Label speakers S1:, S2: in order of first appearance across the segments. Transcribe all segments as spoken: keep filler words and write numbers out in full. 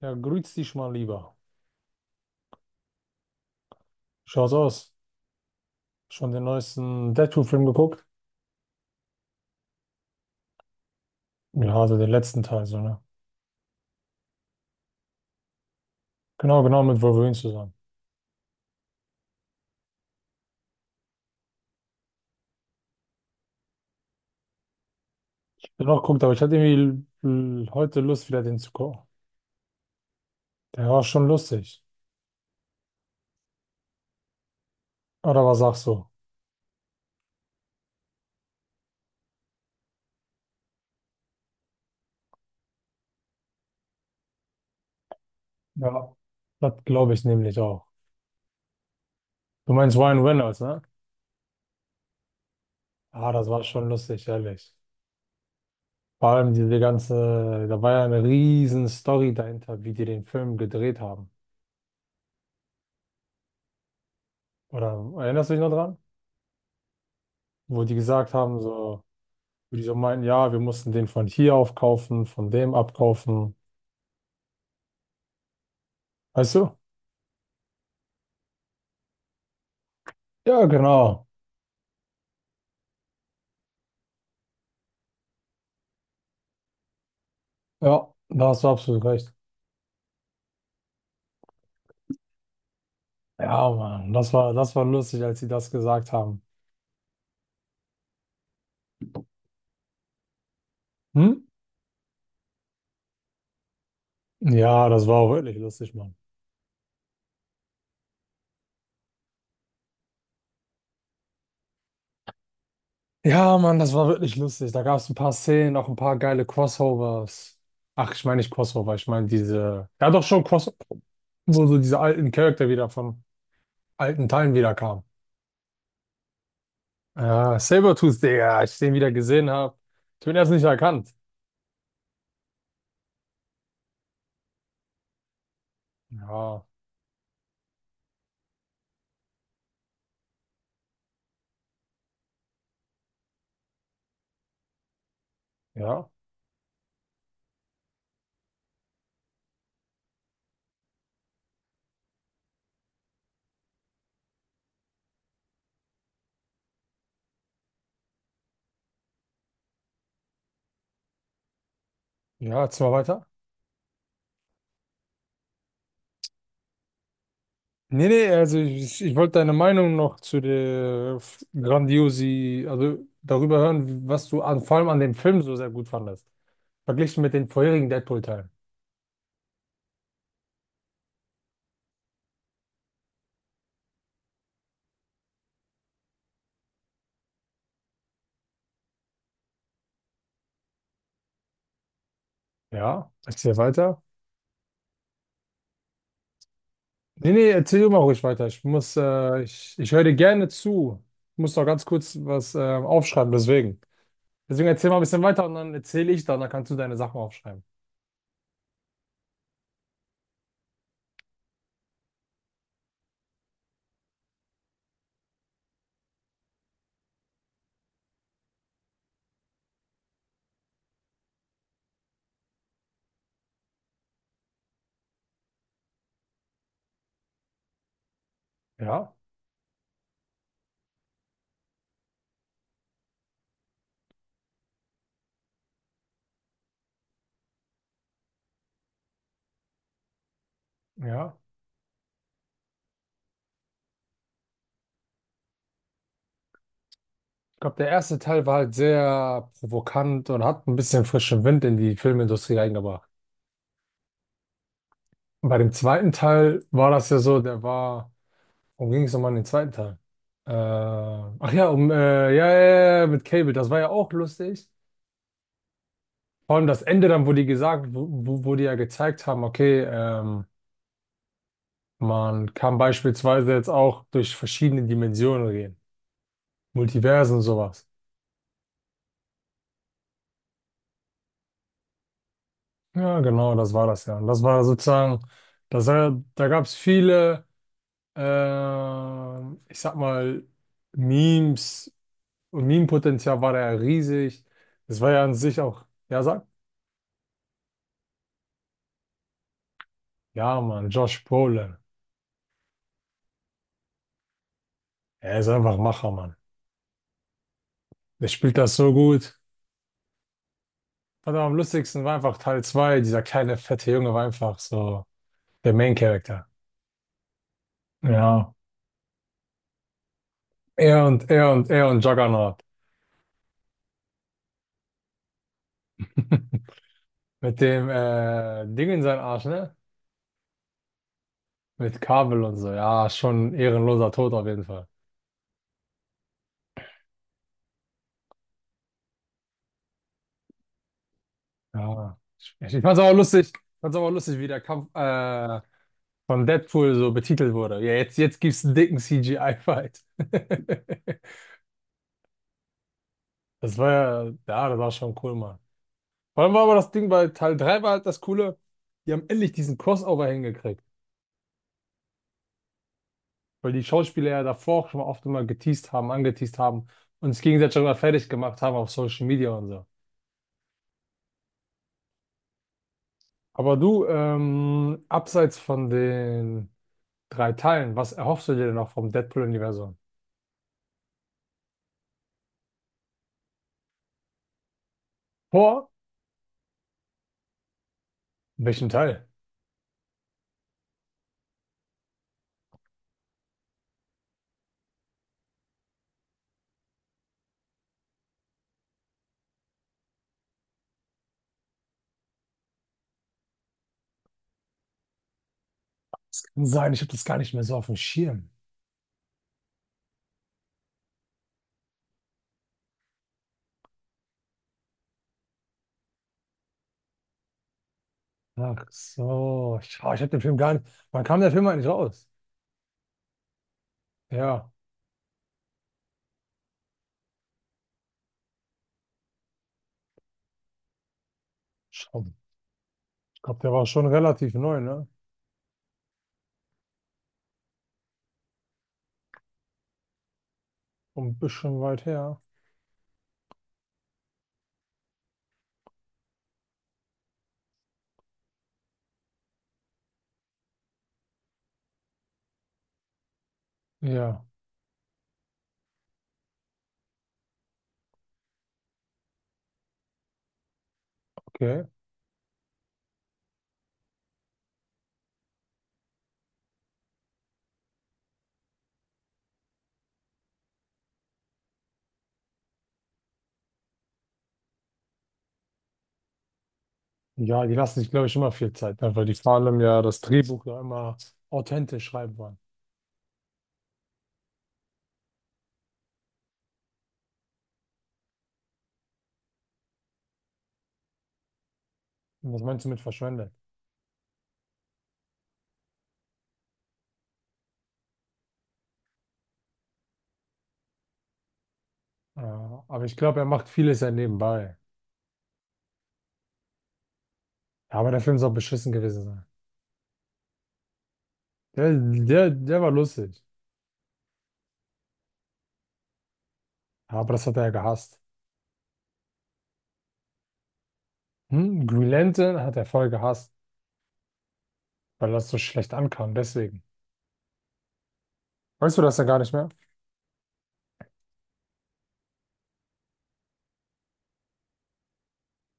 S1: Ja, grüß dich mal lieber. Schaut's aus. Schon den neuesten Deadpool-Film geguckt? Ja, also den letzten Teil, so, ne? Genau, genau, mit Wolverine zusammen. Den noch geguckt, aber ich hatte irgendwie l- l- heute Lust, wieder den zu gucken. Der war schon lustig. Oder was sagst du? Ja. Das glaube ich nämlich auch. Du meinst Ryan Reynolds, ne? Ah, das war schon lustig, ehrlich. Vor allem diese ganze, da war ja eine riesen Story dahinter, wie die den Film gedreht haben. Oder erinnerst du dich noch dran? Wo die gesagt haben, so. Wo die so meinen, ja, wir mussten den von hier aufkaufen, von dem abkaufen. Weißt du? Ja, genau. Ja, da hast du absolut recht. Ja, Mann, das war, das war lustig, als sie das gesagt haben. Hm? Ja, das war auch wirklich lustig, Mann. Ja, Mann, das war wirklich lustig. Da gab es ein paar Szenen, auch ein paar geile Crossovers. Ach, ich meine nicht Crossover, ich meine diese, ja doch schon Crossover, wo so diese alten Charakter wieder von alten Teilen wieder kamen. Ja, Sabertooth, Digga, als ich den wieder gesehen habe, ich bin erst nicht erkannt. Ja. Ja, ja, jetzt mal weiter. Nee, nee, also ich, ich wollte deine Meinung noch zu der F- Grandiosi, also darüber hören, was du an, vor allem an dem Film so sehr gut fandest. Verglichen mit den vorherigen Deadpool-Teilen. Ja, erzähl weiter. Nee, nee, erzähl du mal ruhig weiter. Ich muss, äh, ich, ich höre dir gerne zu. Ich muss noch ganz kurz was äh, aufschreiben, deswegen. Deswegen erzähl mal ein bisschen weiter und dann erzähle ich dann, dann kannst du deine Sachen aufschreiben. Ja, ja. Ich glaube, der erste Teil war halt sehr provokant und hat ein bisschen frischen Wind in die Filmindustrie reingebracht. Und bei dem zweiten Teil war das ja so, der war, worum ging es nochmal in den zweiten Teil? Äh, ach ja, um, äh, ja, ja, ja, ja, mit Cable, das war ja auch lustig. Vor allem das Ende dann, wo die gesagt, wo, wo, wo die ja gezeigt haben, okay, ähm, man kann beispielsweise jetzt auch durch verschiedene Dimensionen gehen. Multiversen und sowas. Ja, genau, das war das ja. Und das war sozusagen, das, war- da gab es viele. Ähm, ich sag mal, Memes und Meme-Potenzial war da ja riesig. Das war ja an sich auch, ja, sag, ja, Mann, Josh Brolin. Er ist einfach ein Macher, Mann. Der spielt das so gut. Und am lustigsten war einfach Teil zwei. Dieser kleine, fette Junge war einfach so der Main-Character. Ja. Er und er und er und Juggernaut. Mit dem äh, Ding in seinen Arsch, ne? Mit Kabel und so. Ja, schon ein ehrenloser Tod auf jeden Fall. Ja. Ich, ich fand's aber lustig, ich fand's aber lustig, wie der Kampf äh, von Deadpool so betitelt wurde. Ja, jetzt, jetzt gibt's einen dicken C G I-Fight. Das war ja, ja, das war schon cool, Mann. Vor allem war aber das Ding bei Teil drei war halt das Coole, die haben endlich diesen Crossover hingekriegt, weil die Schauspieler ja davor auch schon oft immer geteased haben, angeteased haben und es gegenseitig immer fertig gemacht haben auf Social Media und so. Aber du, ähm, abseits von den drei Teilen, was erhoffst du dir denn noch vom Deadpool-Universum? Vor Welchen Teil? Kann sein, ich habe das gar nicht mehr so auf dem Schirm. Ach so, ich, ah, ich habe den Film gar nicht. Wann kam der Film eigentlich raus? Ja, schon. Ich glaube, der war schon relativ neu, ne? Und ein bisschen weit her. Ja, okay. Ja, die lassen sich, glaube ich, immer viel Zeit, ne? Weil die vor allem ja das Drehbuch ja immer authentisch schreiben wollen. Und was meinst du mit verschwendet? Ja, aber ich glaube, er macht vieles ja nebenbei. Ja, aber der Film soll beschissen gewesen sein. Der, der, der war lustig. Ja, aber das hat er ja gehasst. Hm? Green Lantern hat er voll gehasst. Weil das so schlecht ankam, deswegen. Weißt du das ja gar nicht mehr?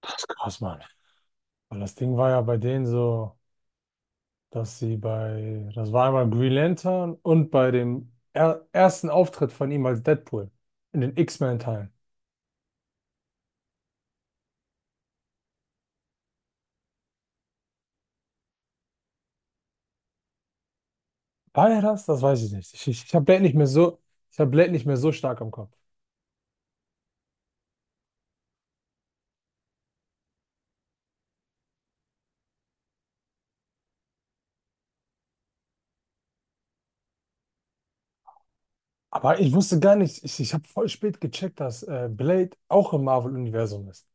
S1: Das ist krass, Mann. Weil das Ding war ja bei denen so, dass sie bei, das war einmal Green Lantern und bei dem er ersten Auftritt von ihm als Deadpool in den X Men-Teilen. War er das? Das weiß ich nicht. Ich, ich, ich habe Blade nicht mehr so, ich habe Blade nicht mehr so stark im Kopf. Aber ich wusste gar nicht, ich, ich habe voll spät gecheckt, dass äh, Blade auch im Marvel-Universum ist.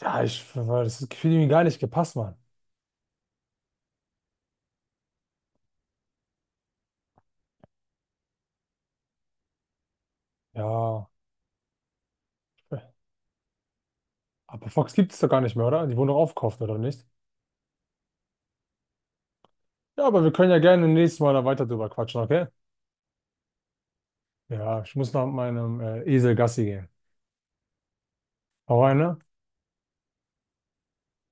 S1: Ja, ich, weil das Gefühl mir gar nicht gepasst, Mann. Ja, aber Fox gibt es doch gar nicht mehr, oder? Die wurden doch aufgekauft, oder nicht? Ja, aber wir können ja gerne nächstes Mal da weiter drüber quatschen, okay? Ja, ich muss noch mit meinem äh, Esel Gassi gehen. Hau rein, ne?